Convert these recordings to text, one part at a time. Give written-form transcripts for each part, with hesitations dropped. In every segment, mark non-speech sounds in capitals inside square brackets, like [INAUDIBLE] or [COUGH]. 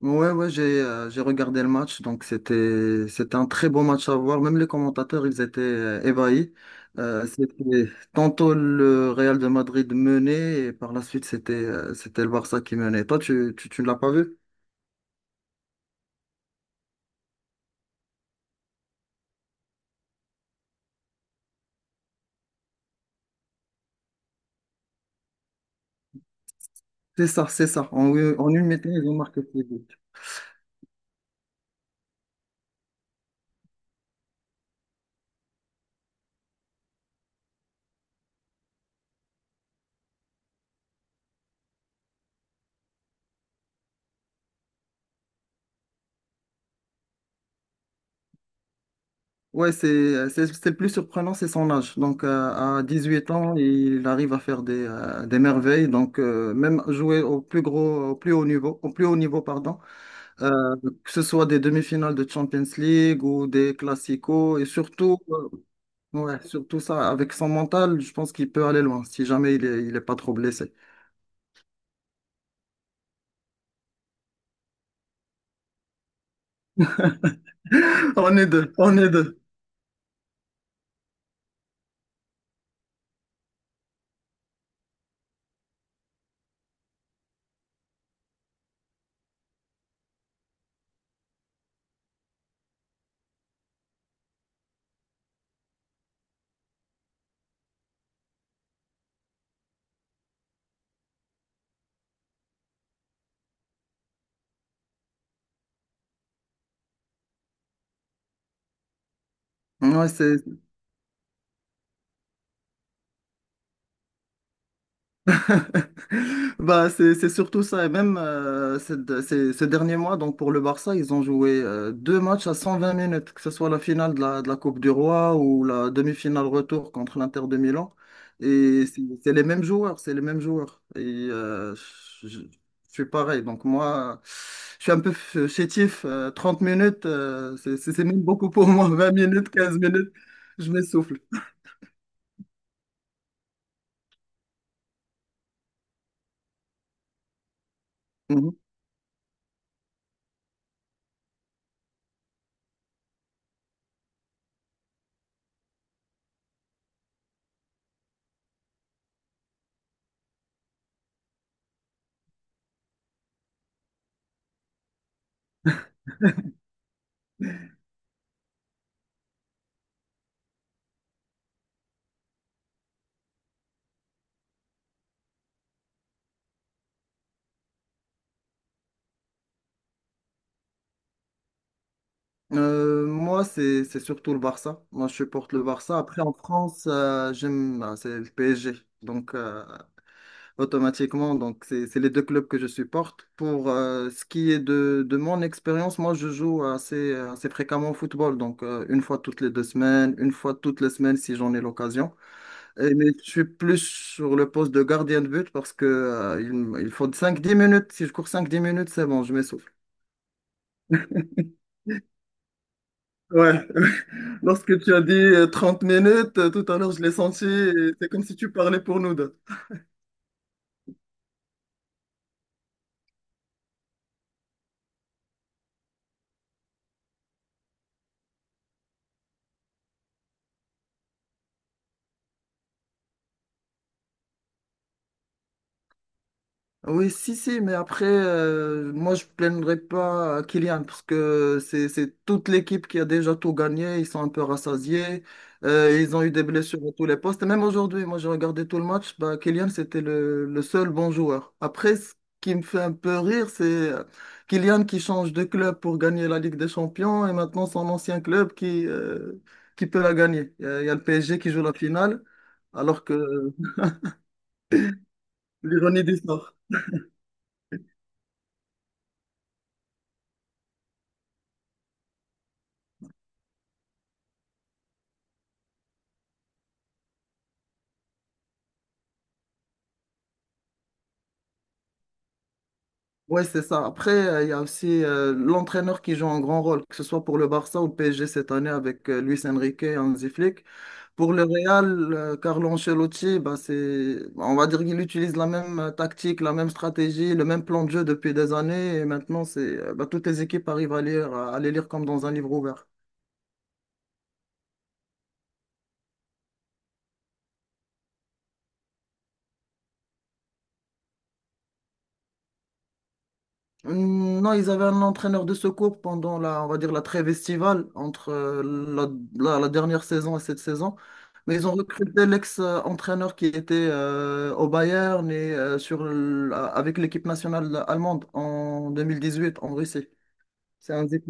Ouais, ouais, j'ai regardé le match, donc c'était un très beau match à voir. Même les commentateurs, ils étaient ébahis. C'était tantôt le Real de Madrid menait et par la suite c'était le Barça qui menait. Toi, tu ne l'as pas vu? C'est ça, c'est ça. En une minute, ils ont marqué six buts. Ouais, c'est le plus surprenant, c'est son âge. Donc à 8 ans, il arrive à faire des merveilles. Donc même jouer au plus gros, au plus haut niveau, au plus haut niveau, pardon. Euh, que ce soit des demi-finales de Champions League ou des classicos, et surtout, ouais, surtout ça, avec son mental, je pense qu'il peut aller loin, si jamais il est pas trop blessé. [LAUGHS] On est deux, on est deux. Ouais, c'est [LAUGHS] Bah, c'est surtout ça. Et même ces derniers mois, donc pour le Barça, ils ont joué deux matchs à 120 minutes, que ce soit la finale de la Coupe du Roi ou la demi-finale retour contre l'Inter de Milan. Et c'est les mêmes joueurs, c'est les mêmes joueurs. Et euh, je suis pareil. Donc moi, je suis un peu chétif. 30 minutes, c'est même beaucoup pour moi. 20 minutes, 15 minutes, je m'essouffle. Mhm. Moi, c'est surtout le Barça. Moi, je supporte le Barça. Après, en France, j'aime, ah, c'est le PSG. Donc, automatiquement, donc c'est les deux clubs que je supporte. Pour ce qui est de mon expérience, moi, je joue assez fréquemment au football. Donc, une fois toutes les 2 semaines, une fois toutes les semaines si j'en ai l'occasion. Mais je suis plus sur le poste de gardien de but parce que il faut cinq dix minutes. Si je cours cinq dix minutes, c'est bon, je m'essouffle. Ouais, [LAUGHS] lorsque tu as dit 30 minutes, tout à l'heure je l'ai senti, et c'est comme si tu parlais pour nous deux. Oui, si, si, mais après, moi, je plaindrai pas à Kylian parce que c'est toute l'équipe qui a déjà tout gagné. Ils sont un peu rassasiés. Ils ont eu des blessures à tous les postes. Et même aujourd'hui, moi, j'ai regardé tout le match. Bah, Kylian, c'était le seul bon joueur. Après, ce qui me fait un peu rire, c'est euh, Kylian qui change de club pour gagner la Ligue des Champions et maintenant son ancien club qui peut la gagner. Il y a le PSG qui joue la finale, alors que l'ironie du sort. Ouais, c'est ça. Après, il y a aussi l'entraîneur qui joue un grand rôle, que ce soit pour le Barça ou le PSG cette année avec Luis Enrique et Hansi Flick. Pour le Real, Carlo Ancelotti, bah, c'est, on va dire qu'il utilise la même tactique, la même stratégie, le même plan de jeu depuis des années. Et maintenant, bah, toutes les équipes arrivent à les lire comme dans un livre ouvert. Non, ils avaient un entraîneur de secours pendant la, on va dire, la trêve estivale entre la dernière saison et cette saison. Mais ils ont recruté l'ex-entraîneur qui était au Bayern et avec l'équipe nationale allemande en 2018 en Russie. C'est un zip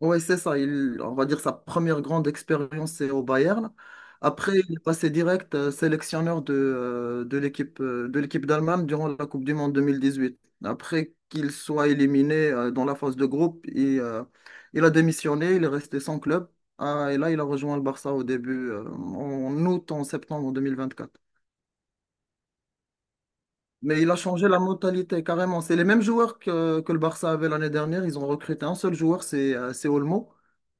Oui, c'est ça. Il, on va dire sa première grande expérience, c'est au Bayern. Après, il est passé direct sélectionneur de l'équipe d'Allemagne durant la Coupe du Monde 2018. Après qu'il soit éliminé dans la phase de groupe, il a démissionné, il est resté sans club. Ah, et là, il a rejoint le Barça au début, en août, en septembre 2024. Mais il a changé la mentalité carrément. C'est les mêmes joueurs que le Barça avait l'année dernière. Ils ont recruté un seul joueur, c'est Olmo.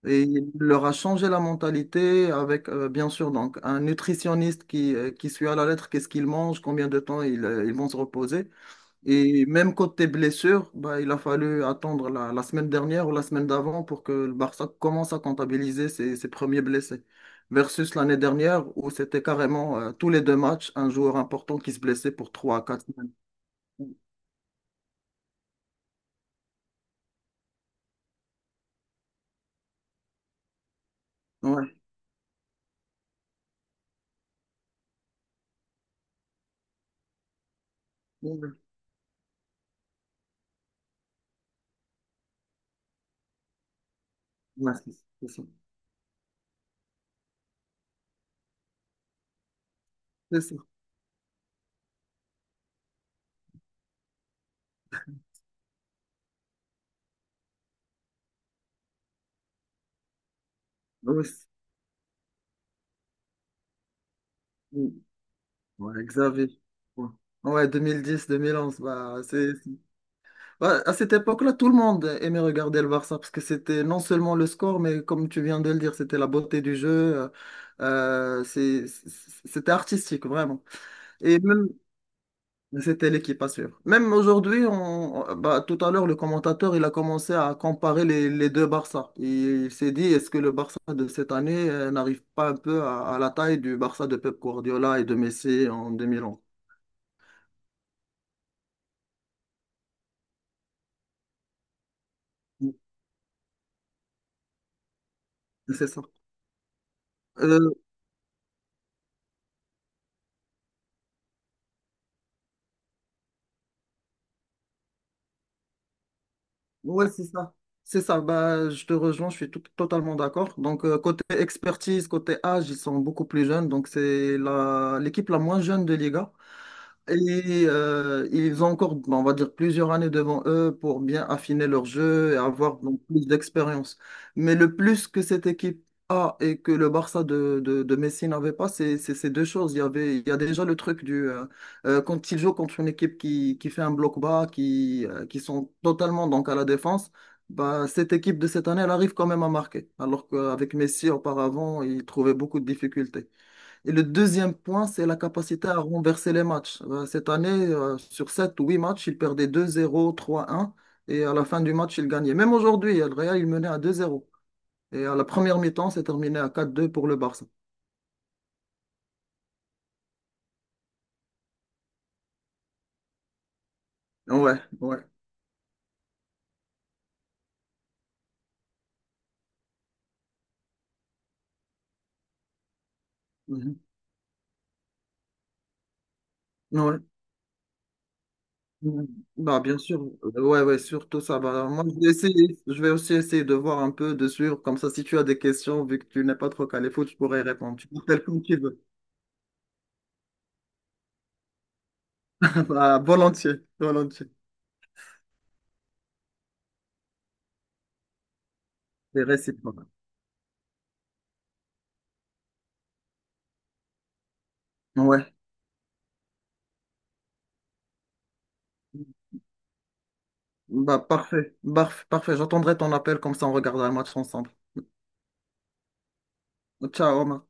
Et il leur a changé la mentalité avec, bien sûr, donc un nutritionniste qui suit à la lettre qu'est-ce qu'ils mangent, combien de temps ils vont se reposer. Et même côté blessure, bah, il a fallu attendre la semaine dernière ou la semaine d'avant pour que le Barça commence à comptabiliser ses premiers blessés. Versus l'année dernière où c'était carrément tous les deux matchs, un joueur important qui se blessait pour 3 à 4. Ouais, ouais, ouais, ouais, c'est ça. C'est ça. Ouais, ouais, Xavier. Ouais, ouais, 2010, 2011. Bah, Ouais, à cette époque-là, tout le monde aimait regarder le Barça parce que c'était non seulement le score, mais comme tu viens de le dire, c'était la beauté du jeu. euh, C'était artistique, vraiment. Et même, c'était l'équipe à suivre. Même aujourd'hui, bah, tout à l'heure, le commentateur, il a commencé à comparer les deux Barça. Il s'est dit, est-ce que le Barça de cette année n'arrive pas un peu à la taille du Barça de Pep Guardiola et de Messi en 2011? C'est ça. Euh, ouais, c'est ça. C'est ça. Bah, je te rejoins, je suis totalement d'accord. Donc, côté expertise, côté âge, ils sont beaucoup plus jeunes. Donc, c'est l'équipe la moins jeune de Liga. Et ils ont encore, on va dire, plusieurs années devant eux pour bien affiner leur jeu et avoir donc, plus d'expérience. Mais le plus que cette équipe a et que le Barça de Messi n'avait pas, c'est ces deux choses. Il y a déjà le truc du quand ils jouent contre une équipe qui fait un bloc bas, qui sont totalement donc à la défense, bah, cette équipe de cette année, elle arrive quand même à marquer. Alors qu'avec Messi, auparavant, il trouvait beaucoup de difficultés. Et le deuxième point, c'est la capacité à renverser les matchs. Cette année, sur 7 ou 8 matchs, il perdait 2-0, 3-1, et à la fin du match, il gagnait. Même aujourd'hui, le Real, il menait à 2-0, et à la première mi-temps, c'est terminé à 4-2 pour le Barça. Ouais, ouais. Mhm. Ouais. Mhm. Bah, bien sûr. Ouais, ouais, surtout ça. Bah, moi, je vais aussi essayer de voir un peu de suivre. Comme ça, si tu as des questions, vu que tu n'es pas trop calé foot, je pourrais répondre. Tu m'appelles comme tu veux. [LAUGHS] Bah, volontiers, volontiers. C'est réciproque. Ouais. Bah, parfait, parfait. J'attendrai ton appel, comme ça on regardera le match ensemble. Ciao, Omar.